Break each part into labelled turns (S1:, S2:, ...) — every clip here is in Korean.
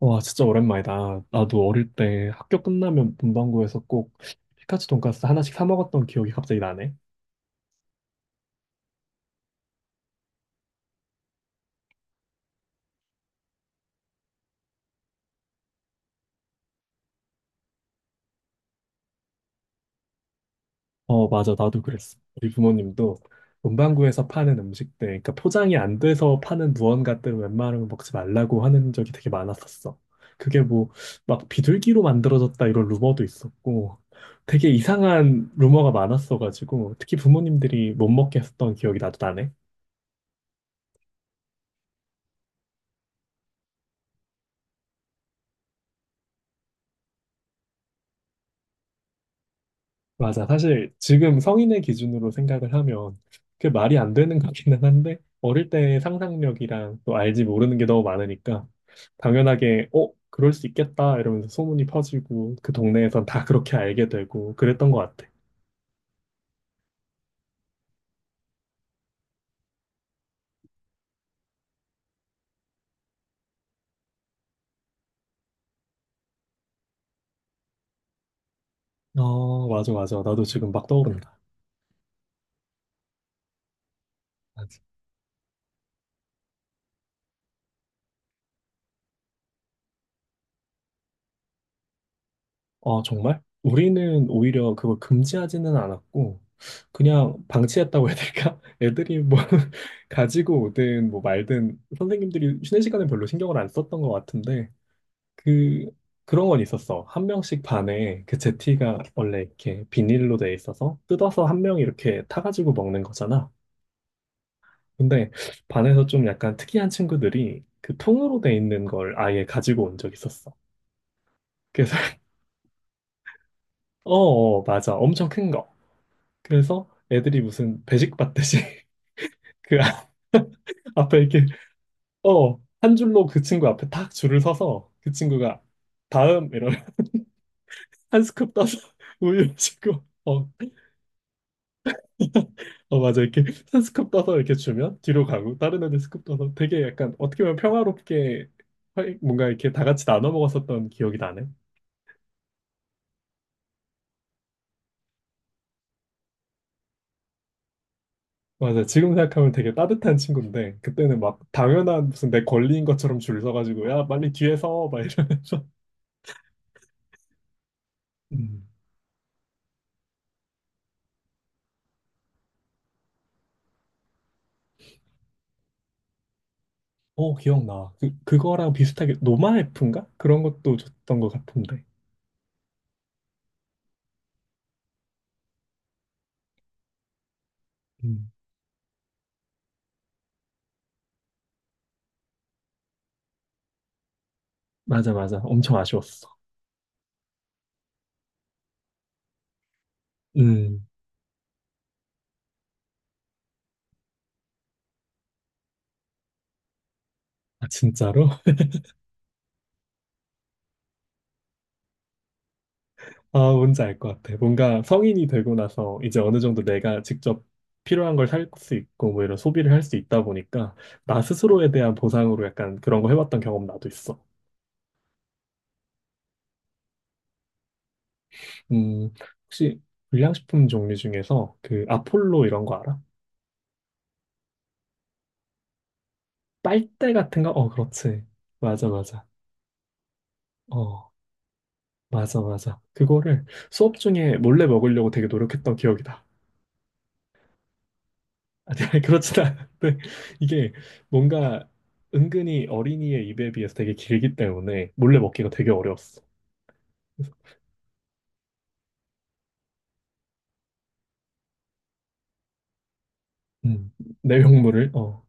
S1: 와, 진짜 오랜만이다. 나도 어릴 때 학교 끝나면 문방구에서 꼭 피카츄 돈가스 하나씩 사 먹었던 기억이 갑자기 나네. 어, 맞아. 나도 그랬어. 우리 부모님도 문방구에서 파는 음식들, 그러니까 포장이 안 돼서 파는 무언가들을 웬만하면 먹지 말라고 하는 적이 되게 많았었어. 그게 뭐, 막 비둘기로 만들어졌다 이런 루머도 있었고, 되게 이상한 루머가 많았어가지고, 특히 부모님들이 못 먹게 했던 기억이 나도 나네. 맞아. 사실 지금 성인의 기준으로 생각을 하면 그게 말이 안 되는 거기는 한데 어릴 때의 상상력이랑 또 알지 모르는 게 너무 많으니까 당연하게 그럴 수 있겠다 이러면서 소문이 퍼지고 그 동네에선 다 그렇게 알게 되고 그랬던 것 같아. 어, 맞아, 맞아. 나도 지금 막 떠오른다. 아, 정말? 우리는 오히려 그걸 금지하지는 않았고, 그냥 방치했다고 해야 될까? 애들이 뭐, 가지고 오든 뭐 말든 선생님들이 쉬는 시간에 별로 신경을 안 썼던 것 같은데, 그, 그런 건 있었어. 한 명씩 반에 그 제티가 원래 이렇게 비닐로 돼 있어서 뜯어서 한 명 이렇게 타가지고 먹는 거잖아. 근데 반에서 좀 약간 특이한 친구들이 그 통으로 돼 있는 걸 아예 가지고 온 적 있었어. 그래서, 어, 어, 맞아. 엄청 큰 거. 그래서 애들이 무슨 배식 받듯이 그 앞- 앞에 이렇게 한 줄로 그 친구 앞에 딱 줄을 서서 그 친구가 다음 이런 한 스쿱 떠서 우유 주고 어 맞아 이렇게 한 스쿱 떠서 이렇게 주면 뒤로 가고 다른 애들 스쿱 떠서 되게 약간 어떻게 보면 평화롭게 뭔가 이렇게 다 같이 나눠 먹었었던 기억이 나네. 맞아. 지금 생각하면 되게 따뜻한 친구인데 그때는 막 당연한 무슨 내 권리인 것처럼 줄 서가지고 야 빨리 뒤에 서막 이러면서 음. 어, 기억나. 그거랑 비슷하게 노마에프인가? 그런 것도 줬던 것 같은데. 음, 맞아, 맞아. 엄청 아쉬웠어. 음. 아, 진짜로? 아, 뭔지 알 것 같아. 뭔가 성인이 되고 나서 이제 어느 정도 내가 직접 필요한 걸 살 수 있고 뭐 이런 소비를 할 수 있다 보니까 나 스스로에 대한 보상으로 약간 그런 거 해봤던 경험 나도 있어. 음, 혹시 불량식품 종류 중에서 그 아폴로 이런 거 알아? 빨대 같은 거? 어, 그렇지. 맞아, 맞아. 어. 맞아, 맞아. 그거를 수업 중에 몰래 먹으려고 되게 노력했던 기억이 다. 아니, 아니, 그렇진 않은데, 이게 뭔가 은근히 어린이의 입에 비해서 되게 길기 때문에 몰래 먹기가 되게 어려웠어. 그래서, 음, 내용물을, 어,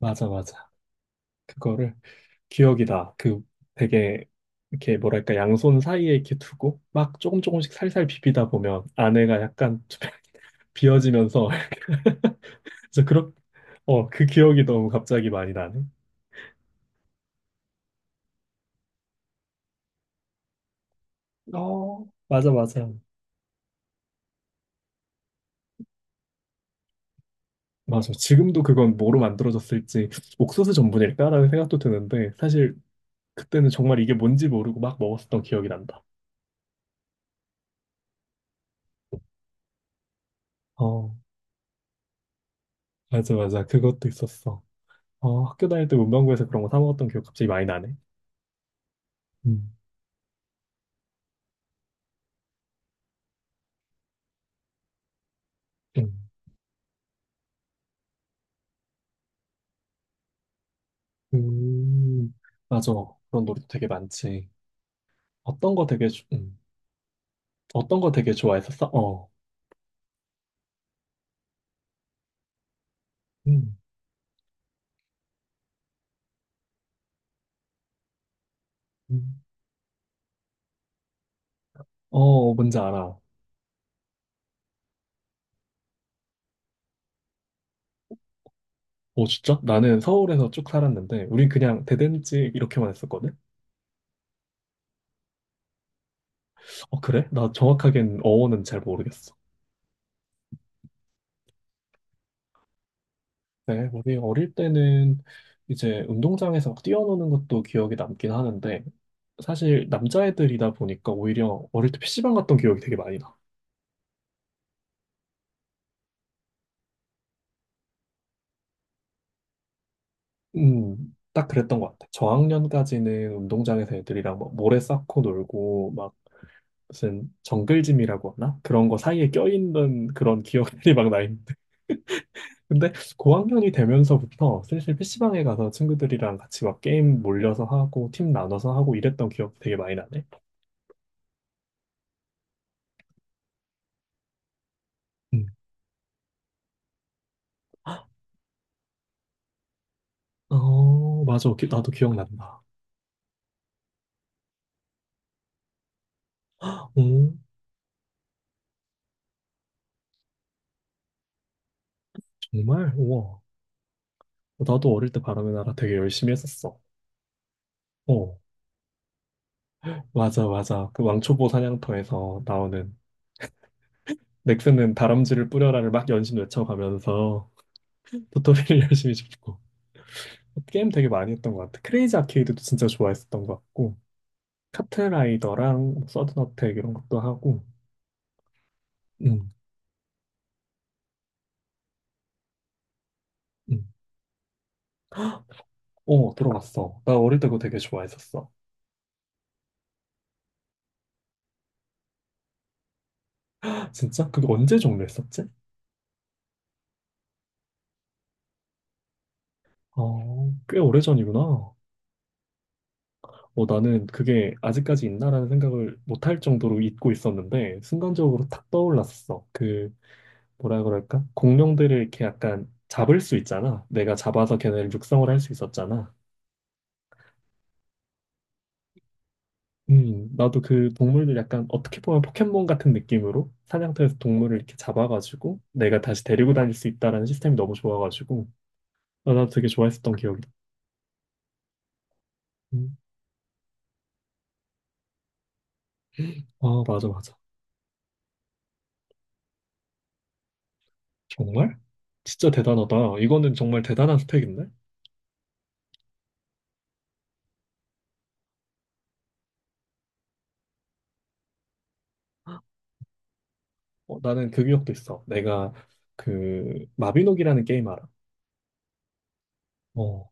S1: 맞아, 맞아. 그거를 기억이 다 그 되게, 이렇게 뭐랄까, 양손 사이에 이렇게 두고 막 조금 조금씩 살살 비비다 보면 안에가 약간 좀 비어지면서, 그래서 그 기억이 너무 갑자기 많이 나네. 어, 맞아, 맞아. 맞아. 지금도 그건 뭐로 만들어졌을지 옥수수 전분일까라는 생각도 드는데 사실 그때는 정말 이게 뭔지 모르고 막 먹었었던 기억이 난다. 어, 맞아, 맞아. 그것도 있었어. 학교 다닐 때 문방구에서 그런 거 사 먹었던 기억 갑자기 많이 나네. 음, 음, 음, 맞아. 그런 놀이도 되게 많지. 어떤 거 되게, 어떤 거 되게 좋아했었어? 어, 음, 음. 어, 뭔지 알아. 어, 진짜? 나는 서울에서 쭉 살았는데, 우린 그냥 대댄지 이렇게만 했었거든? 어, 그래? 나 정확하게는 어원은 잘 모르겠어. 네, 우리 어릴 때는 이제 운동장에서 막 뛰어노는 것도 기억에 남긴 하는데, 사실 남자애들이다 보니까 오히려 어릴 때 PC방 갔던 기억이 되게 많이 나. 딱 그랬던 것 같아. 저학년까지는 운동장에서 애들이랑 막 모래 쌓고 놀고, 막 무슨 정글짐이라고 하나? 그런 거 사이에 껴있는 그런 기억들이 막 나있 근데 고학년이 되면서부터 슬슬 PC방에 가서 친구들이랑 같이 막 게임 몰려서 하고 팀 나눠서 하고 이랬던 기억 되게 많이 나네. 음, 어, 맞아. 나도 기억난다. 오, 정말? 우와. 나도 어릴 때 바람의 나라 되게 열심히 했었어. 어, 맞아, 맞아. 그 왕초보 사냥터에서 나오는 넥슨은 다람쥐를 뿌려라를 막 연신 외쳐가면서 도토리를 열심히 줍고 게임 되게 많이 했던 것 같아. 크레이지 아케이드도 진짜 좋아했었던 것 같고 카트라이더랑 서든어택 이런 것도 하고 응, 응. 어, 들어봤어. 나 어릴 때 그거 되게 좋아했었어. 진짜? 그게 언제 종료했었지? 어, 꽤 오래전이구나. 어, 나는 그게 아직까지 있나라는 생각을 못할 정도로 잊고 있었는데, 순간적으로 탁 떠올랐었어. 뭐라 그럴까? 공룡들을 이렇게 약간 잡을 수 있잖아. 내가 잡아서 걔네를 육성을 할 수 있었잖아. 나도 그 동물들 약간 어떻게 보면 포켓몬 같은 느낌으로 사냥터에서 동물을 이렇게 잡아가지고 내가 다시 데리고 다닐 수 있다라는 시스템이 너무 좋아가지고 아, 나도 되게 좋아했었던 기억이다. 음. 아, 맞아, 맞아. 정말? 진짜 대단하다. 이거는 정말 대단한 스펙인데? 나는 그 기억도 있어. 내가 그 마비노기라는 게임 알아? 어,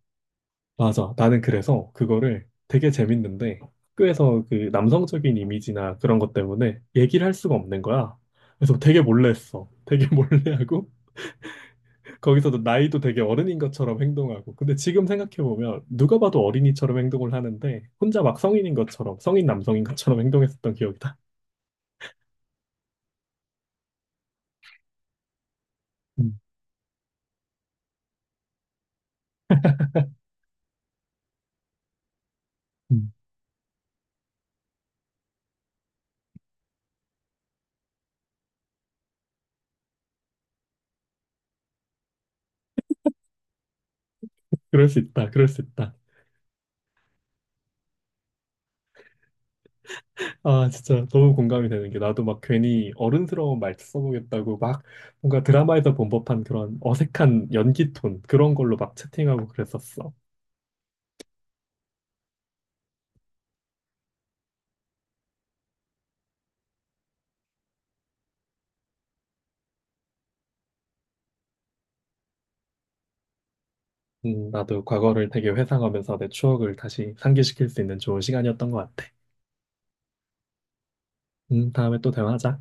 S1: 맞아. 나는 그래서 그거를 되게 재밌는데 학교에서 그 남성적인 이미지나 그런 것 때문에 얘기를 할 수가 없는 거야. 그래서 되게 몰래 했어. 되게 몰래 하고 거기서도 나이도 되게 어른인 것처럼 행동하고. 근데 지금 생각해보면 누가 봐도 어린이처럼 행동을 하는데 혼자 막 성인인 것처럼, 성인 남성인 것처럼 행동했었던 기억이다. 음, 음. 그럴 수 있다. 그럴 수 있다. 아, 진짜 너무 공감이 되는 게 나도 막 괜히 어른스러운 말투 써보겠다고 막 뭔가 드라마에서 본 법한 그런 어색한 연기 톤 그런 걸로 막 채팅하고 그랬었어. 나도 과거를 되게 회상하면서 내 추억을 다시 상기시킬 수 있는 좋은 시간이었던 것 같아. 다음에 또 대화하자.